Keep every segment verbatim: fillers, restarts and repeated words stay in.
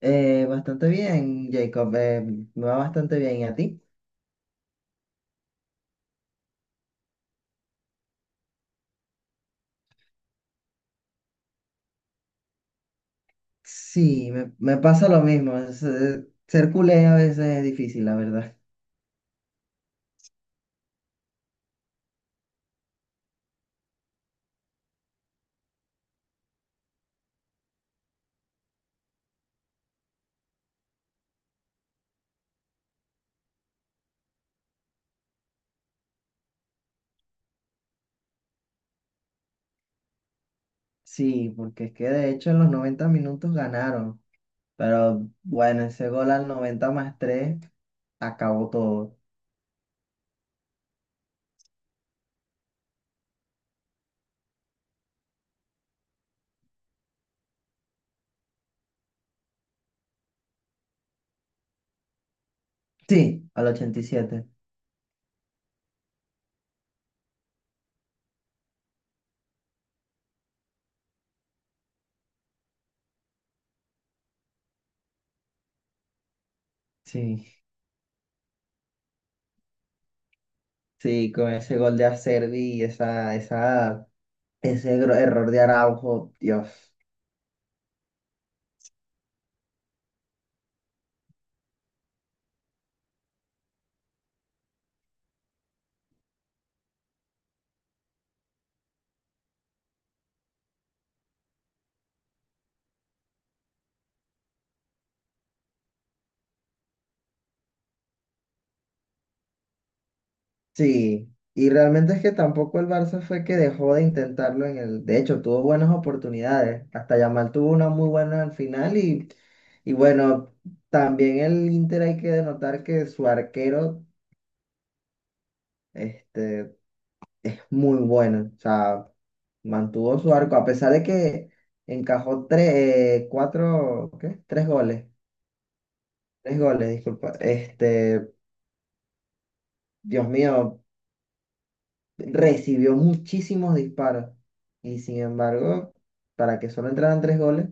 Eh, bastante bien, Jacob. eh, me va bastante bien. ¿Y a ti? Sí, me, me pasa lo mismo. es, eh, ser culé a veces es difícil, la verdad. Sí, porque es que de hecho en los noventa minutos ganaron. Pero bueno, ese gol al noventa más tres acabó todo. Sí, al ochenta y siete. Sí, sí, con ese gol de Acerbi y esa, esa, ese gro- error de Araujo, Dios. Sí, y realmente es que tampoco el Barça fue que dejó de intentarlo en el. De hecho, tuvo buenas oportunidades. Hasta Yamal tuvo una muy buena al final y, y bueno, también el Inter hay que denotar que su arquero este, es muy bueno. O sea, mantuvo su arco a pesar de que encajó tres, eh, cuatro, ¿qué? Tres goles. Tres goles, disculpa. Este, Dios mío. Recibió muchísimos disparos y sin embargo, para que solo entraran tres goles,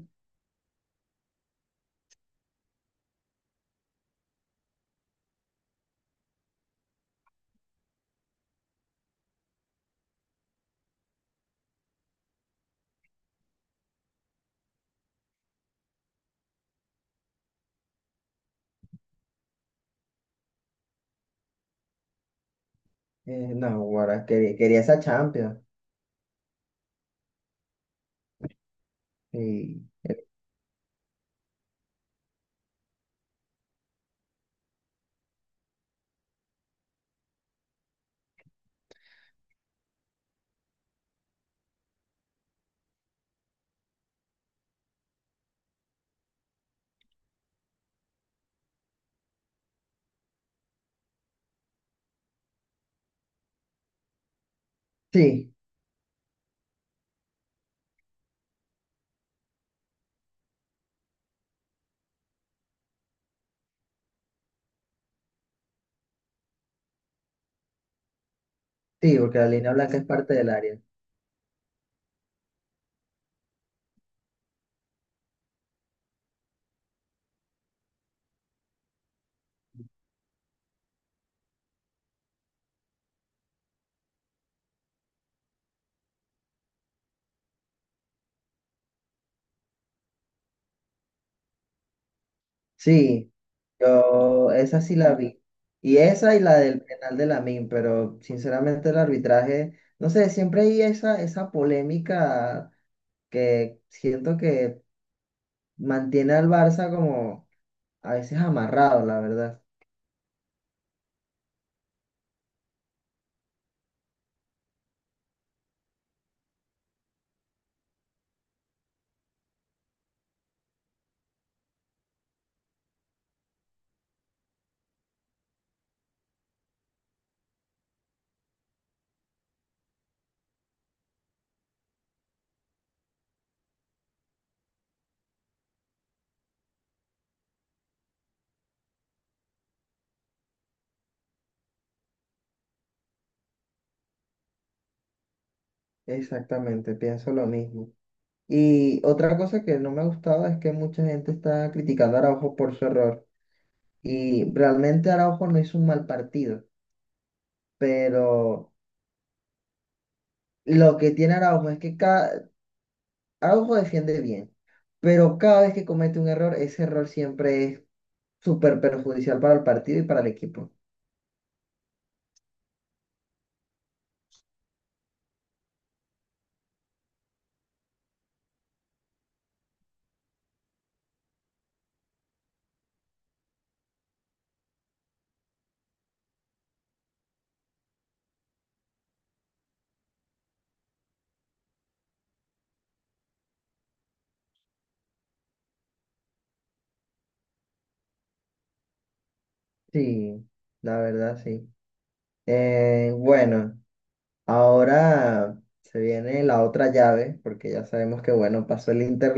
eh, no, Guara, quería, quería esa Champions. Y, sí, sí, porque la línea blanca es parte del área. Sí, yo esa sí la vi. Y esa y la del penal de Lamine, pero sinceramente el arbitraje, no sé, siempre hay esa, esa polémica que siento que mantiene al Barça como a veces amarrado, la verdad. Exactamente, pienso lo mismo. Y otra cosa que no me gustaba es que mucha gente está criticando a Araujo por su error. Y realmente Araujo no hizo un mal partido, pero lo que tiene Araujo es que cada. Araujo defiende bien, pero cada vez que comete un error, ese error siempre es súper perjudicial para el partido y para el equipo. Sí, la verdad, sí. Eh, bueno, ahora se viene la otra llave, porque ya sabemos que, bueno, pasó el Inter.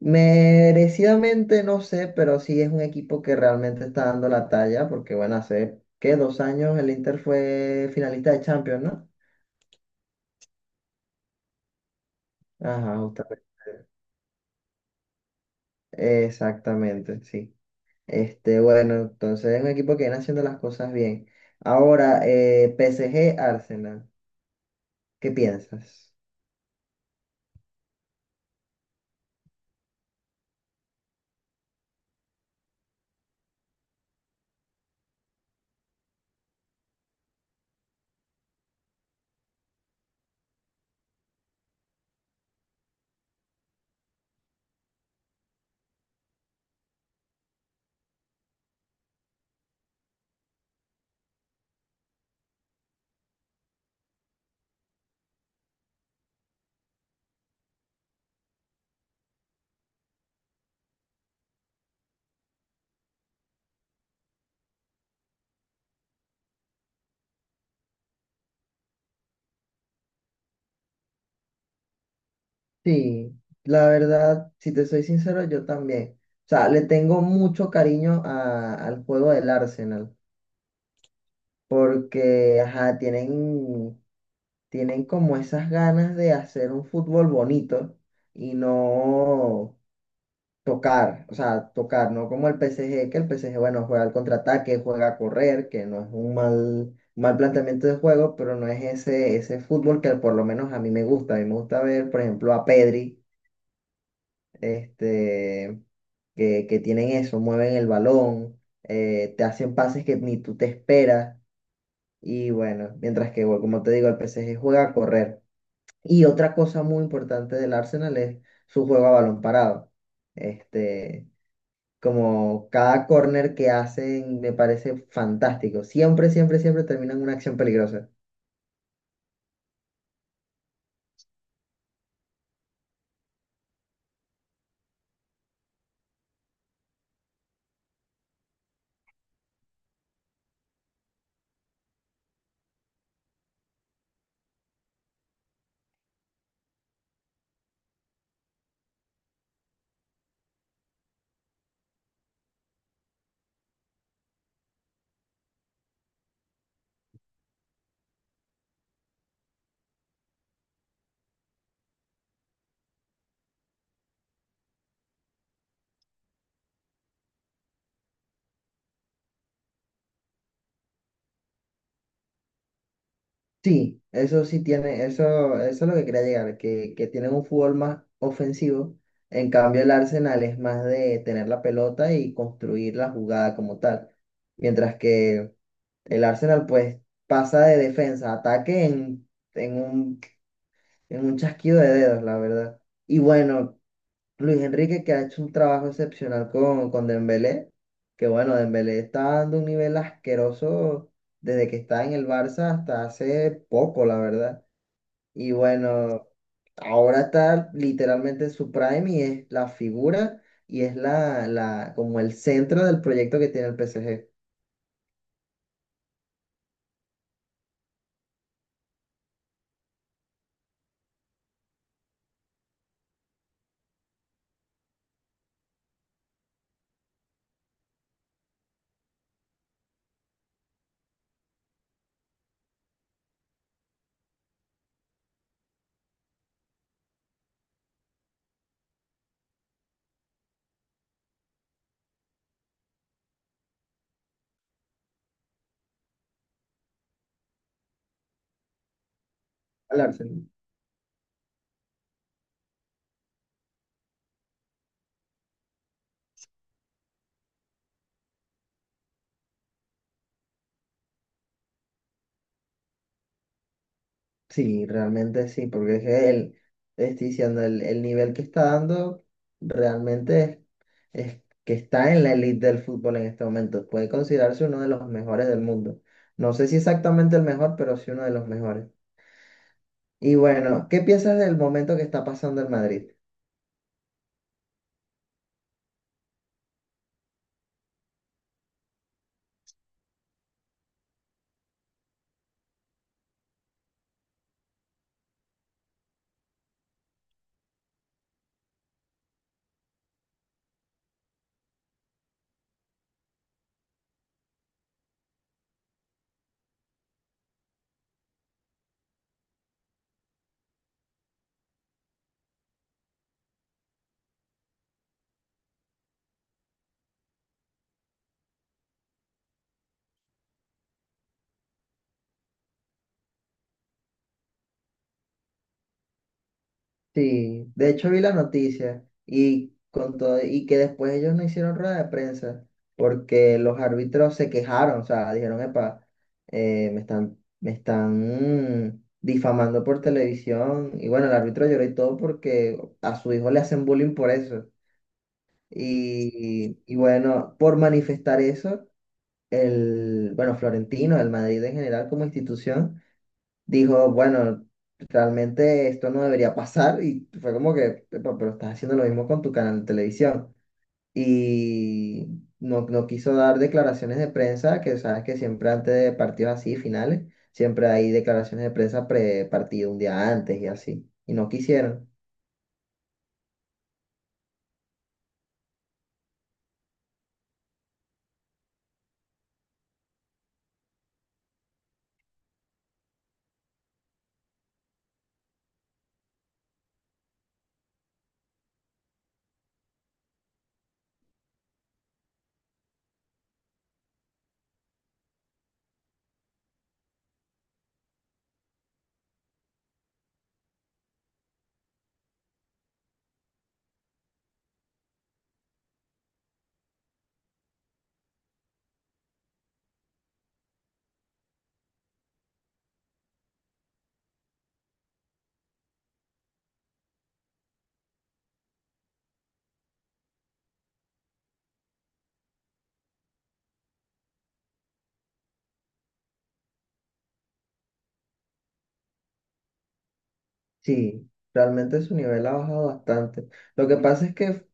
Merecidamente no sé, pero sí es un equipo que realmente está dando la talla, porque bueno, hace, ¿qué? Dos años el Inter fue finalista de Champions, ¿no? Ajá, justamente. Exactamente, sí. Este, bueno, entonces es un equipo que viene haciendo las cosas bien. Ahora, eh, P S G Arsenal, ¿qué piensas? Sí, la verdad, si te soy sincero, yo también. O sea, le tengo mucho cariño a- al juego del Arsenal porque, ajá, tienen tienen como esas ganas de hacer un fútbol bonito y no tocar, o sea, tocar, no como el P S G, que el P S G, bueno, juega al contraataque, juega a correr, que no es un mal, mal planteamiento de juego, pero no es ese, ese fútbol que por lo menos a mí me gusta. A mí me gusta ver, por ejemplo, a Pedri, este, que, que tienen eso, mueven el balón, eh, te hacen pases que ni tú te esperas. Y bueno, mientras que, bueno, como te digo, el P S G juega a correr. Y otra cosa muy importante del Arsenal es su juego a balón parado. Este, como cada corner que hacen me parece fantástico. Siempre, siempre, siempre terminan una acción peligrosa. Sí, eso sí tiene, eso, eso es lo que quería llegar, que, que tienen un fútbol más ofensivo. En cambio, el Arsenal es más de tener la pelota y construir la jugada como tal. Mientras que el Arsenal pues pasa de defensa a ataque en, en un Es un chasquido de dedos, la verdad. Y bueno, Luis Enrique que ha hecho un trabajo excepcional con, con Dembélé, que bueno, Dembélé está dando un nivel asqueroso desde que está en el Barça hasta hace poco, la verdad. Y bueno, ahora está literalmente en su prime y es la figura y es la, la, como el centro del proyecto que tiene el P S G. El Arsenal. Sí, realmente sí, porque es que el, estoy diciendo, el, el nivel que está dando realmente es, que está en la elite del fútbol en este momento. Puede considerarse uno de los mejores del mundo. No sé si exactamente el mejor, pero sí uno de los mejores. Y bueno, ¿qué piensas del momento que está pasando el Madrid? Sí, de hecho vi la noticia y, con todo, y que después ellos no hicieron rueda de prensa porque los árbitros se quejaron, o sea, dijeron, epa, eh, me están, me están mm, difamando por televisión. Y bueno, el árbitro lloró y todo porque a su hijo le hacen bullying por eso. Y, y bueno, por manifestar eso, el, bueno, Florentino, el Madrid en general como institución, dijo, bueno, realmente esto no debería pasar y fue como que: "Epa, pero estás haciendo lo mismo con tu canal de televisión". Y no, no quiso dar declaraciones de prensa, que sabes que siempre antes de partidos así, finales, siempre hay declaraciones de prensa pre-partido un día antes y así. Y no quisieron. Sí, realmente su nivel ha bajado bastante. Lo que pasa es que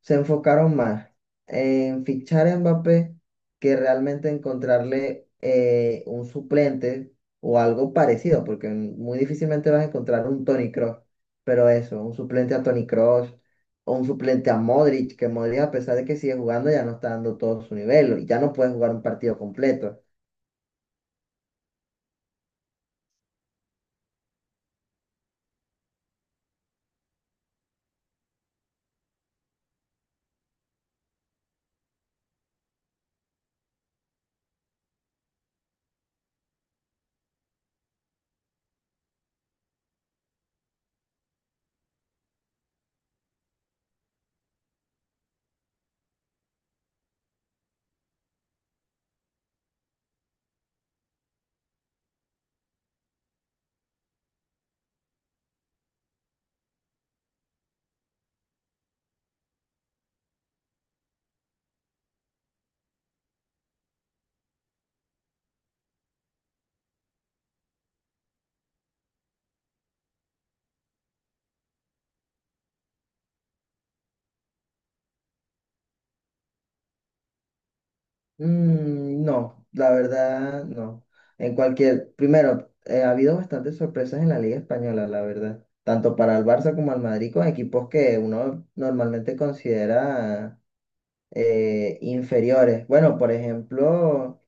se enfocaron más en fichar a Mbappé que realmente encontrarle eh, un suplente o algo parecido, porque muy difícilmente vas a encontrar un Toni Kroos, pero eso, un suplente a Toni Kroos o un suplente a Modric, que Modric a pesar de que sigue jugando ya no está dando todo su nivel y ya no puede jugar un partido completo. Mm, no, la verdad, no. En cualquier, primero, eh, ha habido bastantes sorpresas en la Liga Española, la verdad. Tanto para el Barça como al Madrid, con equipos que uno normalmente considera eh, inferiores. Bueno, por ejemplo,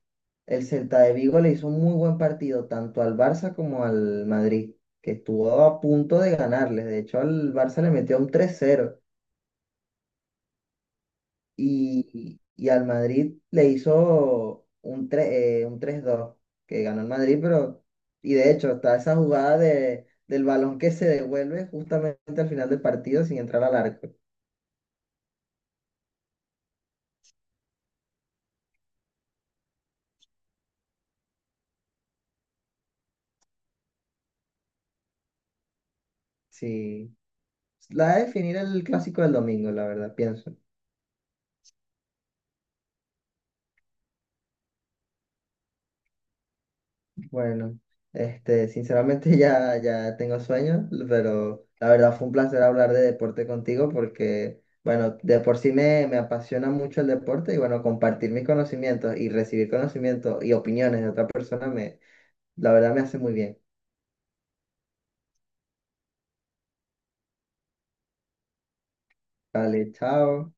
el Celta de Vigo le hizo un muy buen partido tanto al Barça como al Madrid, que estuvo a punto de ganarles. De hecho, al Barça le metió un tres cero y, y al Madrid le hizo un, tre- eh, un tres dos que ganó el Madrid, pero, y de hecho está esa jugada de, del balón que se devuelve justamente al final del partido sin entrar al arco. Sí, la va a definir el clásico del domingo, la verdad, pienso. Bueno, este, sinceramente ya, ya tengo sueño, pero la verdad fue un placer hablar de deporte contigo porque, bueno, de por sí me, me apasiona mucho el deporte y bueno, compartir mis conocimientos y recibir conocimientos y opiniones de otra persona me, la verdad me hace muy bien. Vale, chao.